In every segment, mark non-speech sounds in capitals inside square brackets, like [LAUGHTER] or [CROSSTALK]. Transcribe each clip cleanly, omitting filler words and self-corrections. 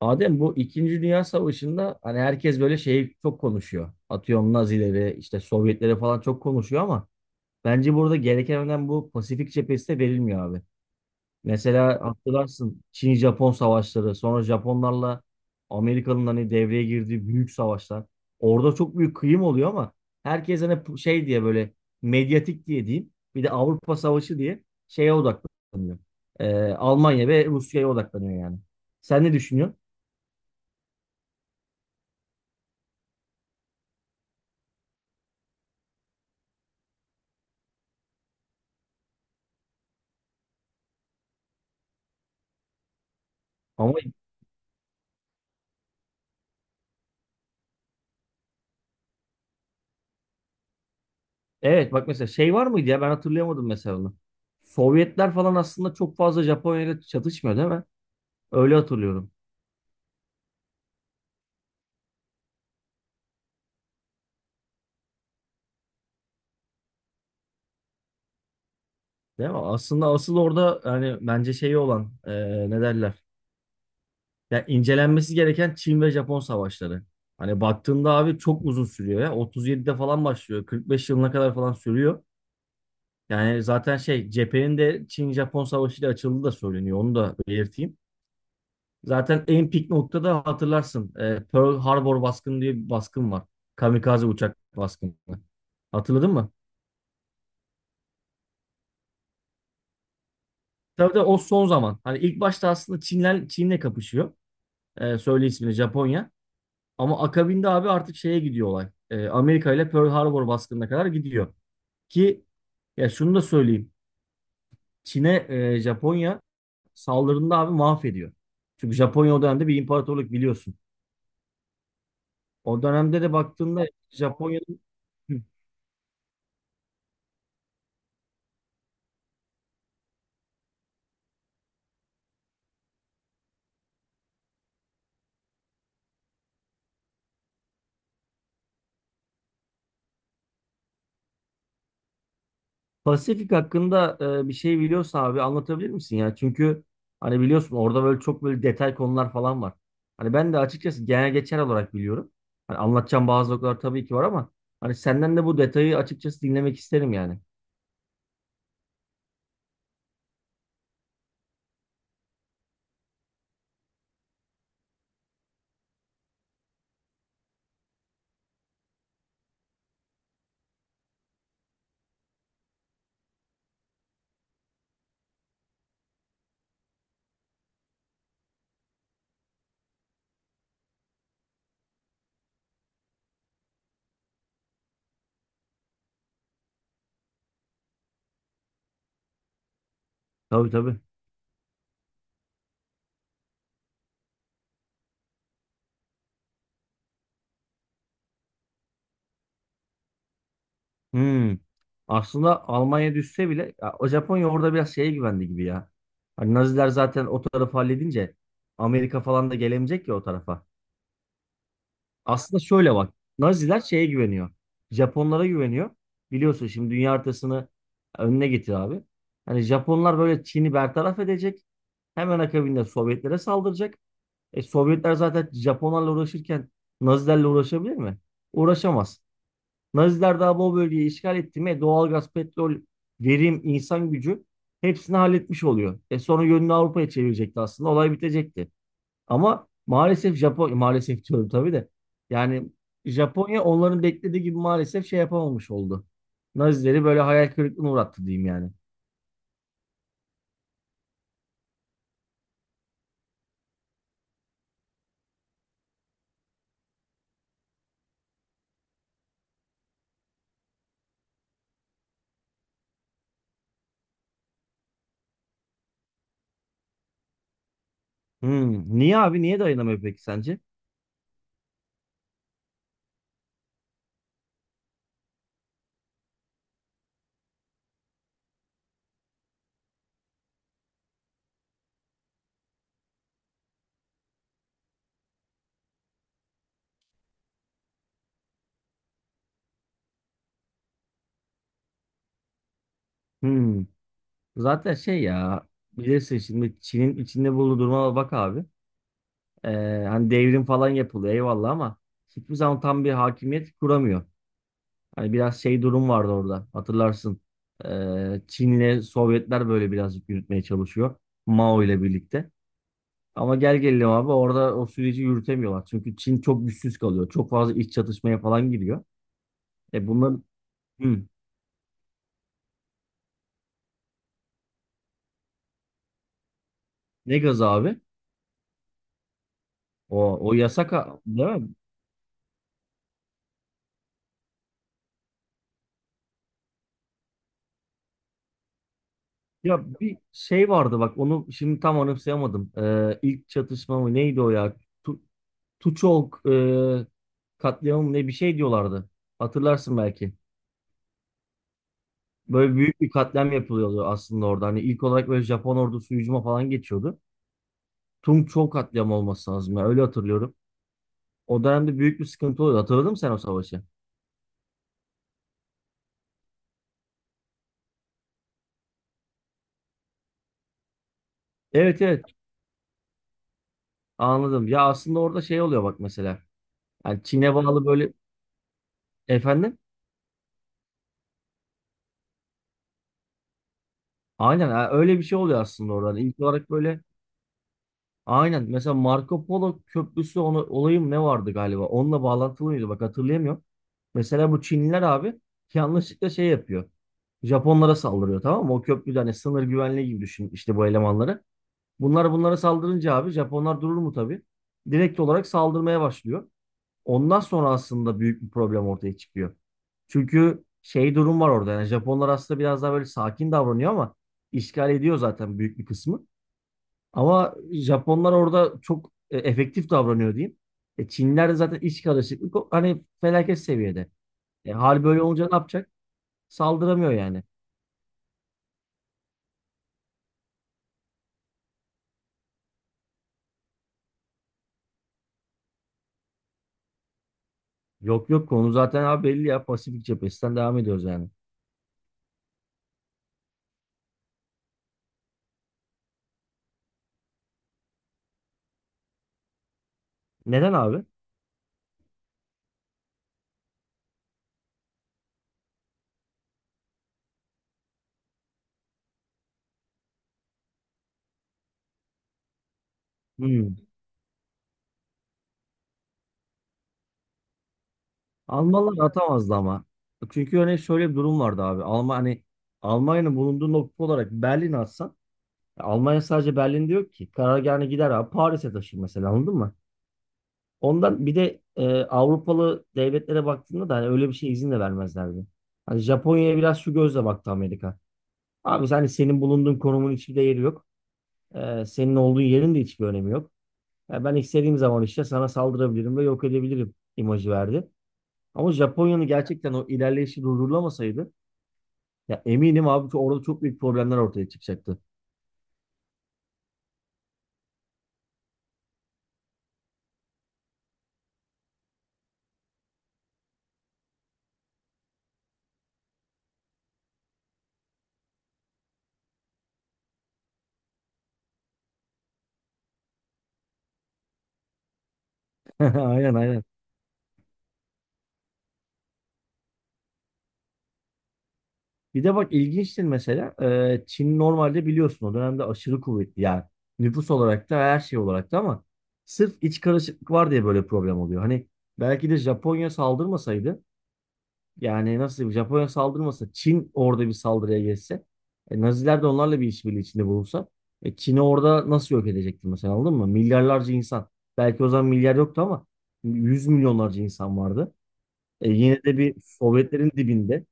Adem bu İkinci Dünya Savaşı'nda hani herkes böyle şeyi çok konuşuyor. Atıyorum Nazileri, işte Sovyetleri falan çok konuşuyor ama bence burada gereken önem bu Pasifik cephesi de verilmiyor abi. Mesela hatırlarsın Çin-Japon savaşları, sonra Japonlarla Amerika'nın hani devreye girdiği büyük savaşlar. Orada çok büyük kıyım oluyor ama herkes hani şey diye böyle medyatik diye diyeyim. Bir de Avrupa Savaşı diye şeye odaklanıyor. Almanya ve Rusya'ya odaklanıyor yani. Sen ne düşünüyorsun? Ama evet, bak mesela şey var mıydı ya, ben hatırlayamadım mesela onu. Sovyetler falan aslında çok fazla Japonya ile çatışmıyor değil mi? Öyle hatırlıyorum. Değil mi? Aslında asıl orada yani bence şeyi olan ne derler? Ya incelenmesi gereken Çin ve Japon savaşları. Hani baktığında abi çok uzun sürüyor ya. 37'de falan başlıyor. 45 yılına kadar falan sürüyor. Yani zaten şey cephenin de Çin-Japon savaşıyla açıldığı da söyleniyor. Onu da belirteyim. Zaten en pik noktada hatırlarsın. Pearl Harbor baskını diye bir baskın var. Kamikaze uçak baskını. Hatırladın mı? Tabii de o son zaman. Hani ilk başta aslında Çinler Çin'le kapışıyor. Söyle ismini Japonya. Ama akabinde abi artık şeye gidiyor olay. Amerika ile Pearl Harbor baskınına kadar gidiyor. Ki ya şunu da söyleyeyim. Çin'e Japonya saldırında abi mahvediyor. Çünkü Japonya o dönemde bir imparatorluk biliyorsun. O dönemde de baktığında Japonya'nın Pasifik hakkında bir şey biliyorsa abi anlatabilir misin ya? Çünkü hani biliyorsun orada böyle çok böyle detay konular falan var. Hani ben de açıkçası genel geçer olarak biliyorum. Hani anlatacağım bazı noktalar tabii ki var ama hani senden de bu detayı açıkçası dinlemek isterim yani. Tabii, tabii. Hmm. Aslında Almanya düşse bile ya, o Japonya orada biraz şeye güvendi gibi ya. Hani Naziler zaten o tarafı halledince Amerika falan da gelemeyecek ya o tarafa. Aslında şöyle bak. Naziler şeye güveniyor. Japonlara güveniyor. Biliyorsun şimdi dünya haritasını önüne getir abi. Hani Japonlar böyle Çin'i bertaraf edecek. Hemen akabinde Sovyetlere saldıracak. E Sovyetler zaten Japonlarla uğraşırken Nazilerle uğraşabilir mi? Uğraşamaz. Naziler daha bu bölgeyi işgal etti mi doğalgaz, petrol, verim, insan gücü hepsini halletmiş oluyor. E sonra yönünü Avrupa'ya çevirecekti aslında. Olay bitecekti. Ama maalesef Japonya, maalesef diyorum tabii de. Yani Japonya onların beklediği gibi maalesef şey yapamamış oldu. Nazileri böyle hayal kırıklığına uğrattı diyeyim yani. Hmm. Niye abi? Niye dayanamıyor peki sence? Hmm. Zaten şey ya, bilirsin şimdi Çin'in içinde bulunduğu duruma bak abi. Hani devrim falan yapılıyor eyvallah ama hiçbir zaman tam bir hakimiyet kuramıyor. Hani biraz şey durum vardı orada hatırlarsın. Çin'le Sovyetler böyle birazcık yürütmeye çalışıyor. Mao ile birlikte. Ama gel gelelim abi orada o süreci yürütemiyorlar. Çünkü Çin çok güçsüz kalıyor. Çok fazla iç çatışmaya falan giriyor. E bunların Hı, ne gazı abi? O, o yasak değil mi? Ya bir şey vardı bak onu şimdi tam anımsayamadım. İlk çatışma mı neydi o ya? Tuçok katliamı ne bir şey diyorlardı. Hatırlarsın belki. Böyle büyük bir katliam yapılıyordu aslında orada. Hani ilk olarak böyle Japon ordusu hücuma falan geçiyordu. Tungçok katliamı olması lazım. Ya, öyle hatırlıyorum. O dönemde büyük bir sıkıntı oluyordu. Hatırladın mı sen o savaşı? Evet, evet, anladım. Ya aslında orada şey oluyor bak mesela. Yani Çin'e bağlı böyle efendim. Aynen, ha, öyle bir şey oluyor aslında orada. Hani ilk olarak böyle aynen. Mesela Marco Polo Köprüsü onu, olayı mı ne vardı galiba? Onunla bağlantılı mıydı? Bak hatırlayamıyorum. Mesela bu Çinliler abi yanlışlıkla şey yapıyor. Japonlara saldırıyor tamam mı? O köprüde hani sınır güvenliği gibi düşün işte bu elemanları. Bunlara saldırınca abi Japonlar durur mu tabii? Direkt olarak saldırmaya başlıyor. Ondan sonra aslında büyük bir problem ortaya çıkıyor. Çünkü şey durum var orada yani Japonlar aslında biraz daha böyle sakin davranıyor ama işgal ediyor zaten büyük bir kısmı. Ama Japonlar orada çok efektif davranıyor diyeyim. Çinliler de zaten iç karışıklık hani felaket seviyede. Hal böyle olunca ne yapacak? Saldıramıyor yani. Yok, yok, konu zaten abi belli ya, Pasifik cephesinden devam ediyoruz yani. Neden abi? Hmm. Almanlar atamazdı ama. Çünkü hani şöyle bir durum vardı abi. Alman hani Almanya'nın bulunduğu nokta olarak Berlin atsan ya Almanya sadece Berlin diyor ki. Karargahına gider abi Paris'e taşır mesela, anladın mı? Ondan bir de Avrupalı devletlere baktığında da hani öyle bir şey izin de vermezlerdi. Hani Japonya'ya biraz şu gözle baktı Amerika. Abi hani senin bulunduğun konumun hiçbir değeri yok. Senin olduğun yerin de hiçbir önemi yok. Ya ben istediğim zaman işte sana saldırabilirim ve yok edebilirim imajı verdi. Ama Japonya'nın gerçekten o ilerleyişi durdurulamasaydı ya eminim abi ki orada çok büyük problemler ortaya çıkacaktı. [LAUGHS] Aynen, aynen. Bir de bak ilginçtir mesela Çin normalde biliyorsun o dönemde aşırı kuvvetli yani nüfus olarak da her şey olarak da ama sırf iç karışıklık var diye böyle problem oluyor. Hani belki de Japonya saldırmasaydı, yani nasıl diyeyim, Japonya saldırmasa Çin orada bir saldırıya geçse Naziler de onlarla bir işbirliği içinde bulunsa Çin'i orada nasıl yok edecekti mesela, anladın mı? Milyarlarca insan, belki o zaman milyar yoktu ama yüz milyonlarca insan vardı. Yine de bir Sovyetlerin dibinde,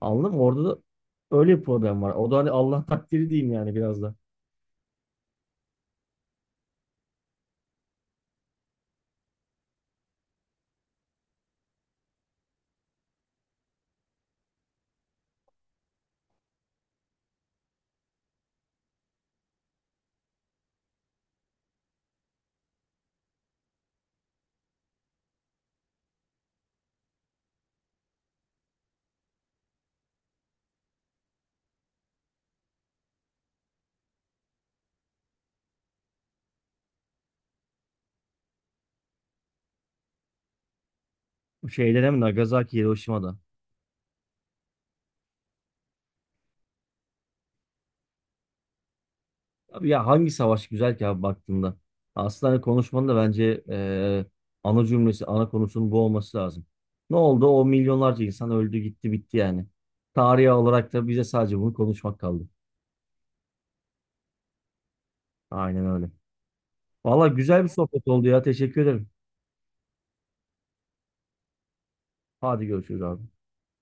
anladın mı? Orada da öyle bir problem var. O da hani Allah takdiri diyeyim yani biraz da. Bu şeyde hem Nagasaki, Hiroşima'da. Abi ya hangi savaş güzel ki abi baktığında. Aslında hani konuşmanın da bence ana cümlesi, ana konusunun bu olması lazım. Ne oldu? O milyonlarca insan öldü, gitti, bitti yani. Tarihi olarak da bize sadece bunu konuşmak kaldı. Aynen öyle. Valla güzel bir sohbet oldu ya. Teşekkür ederim. Hadi görüşürüz abi.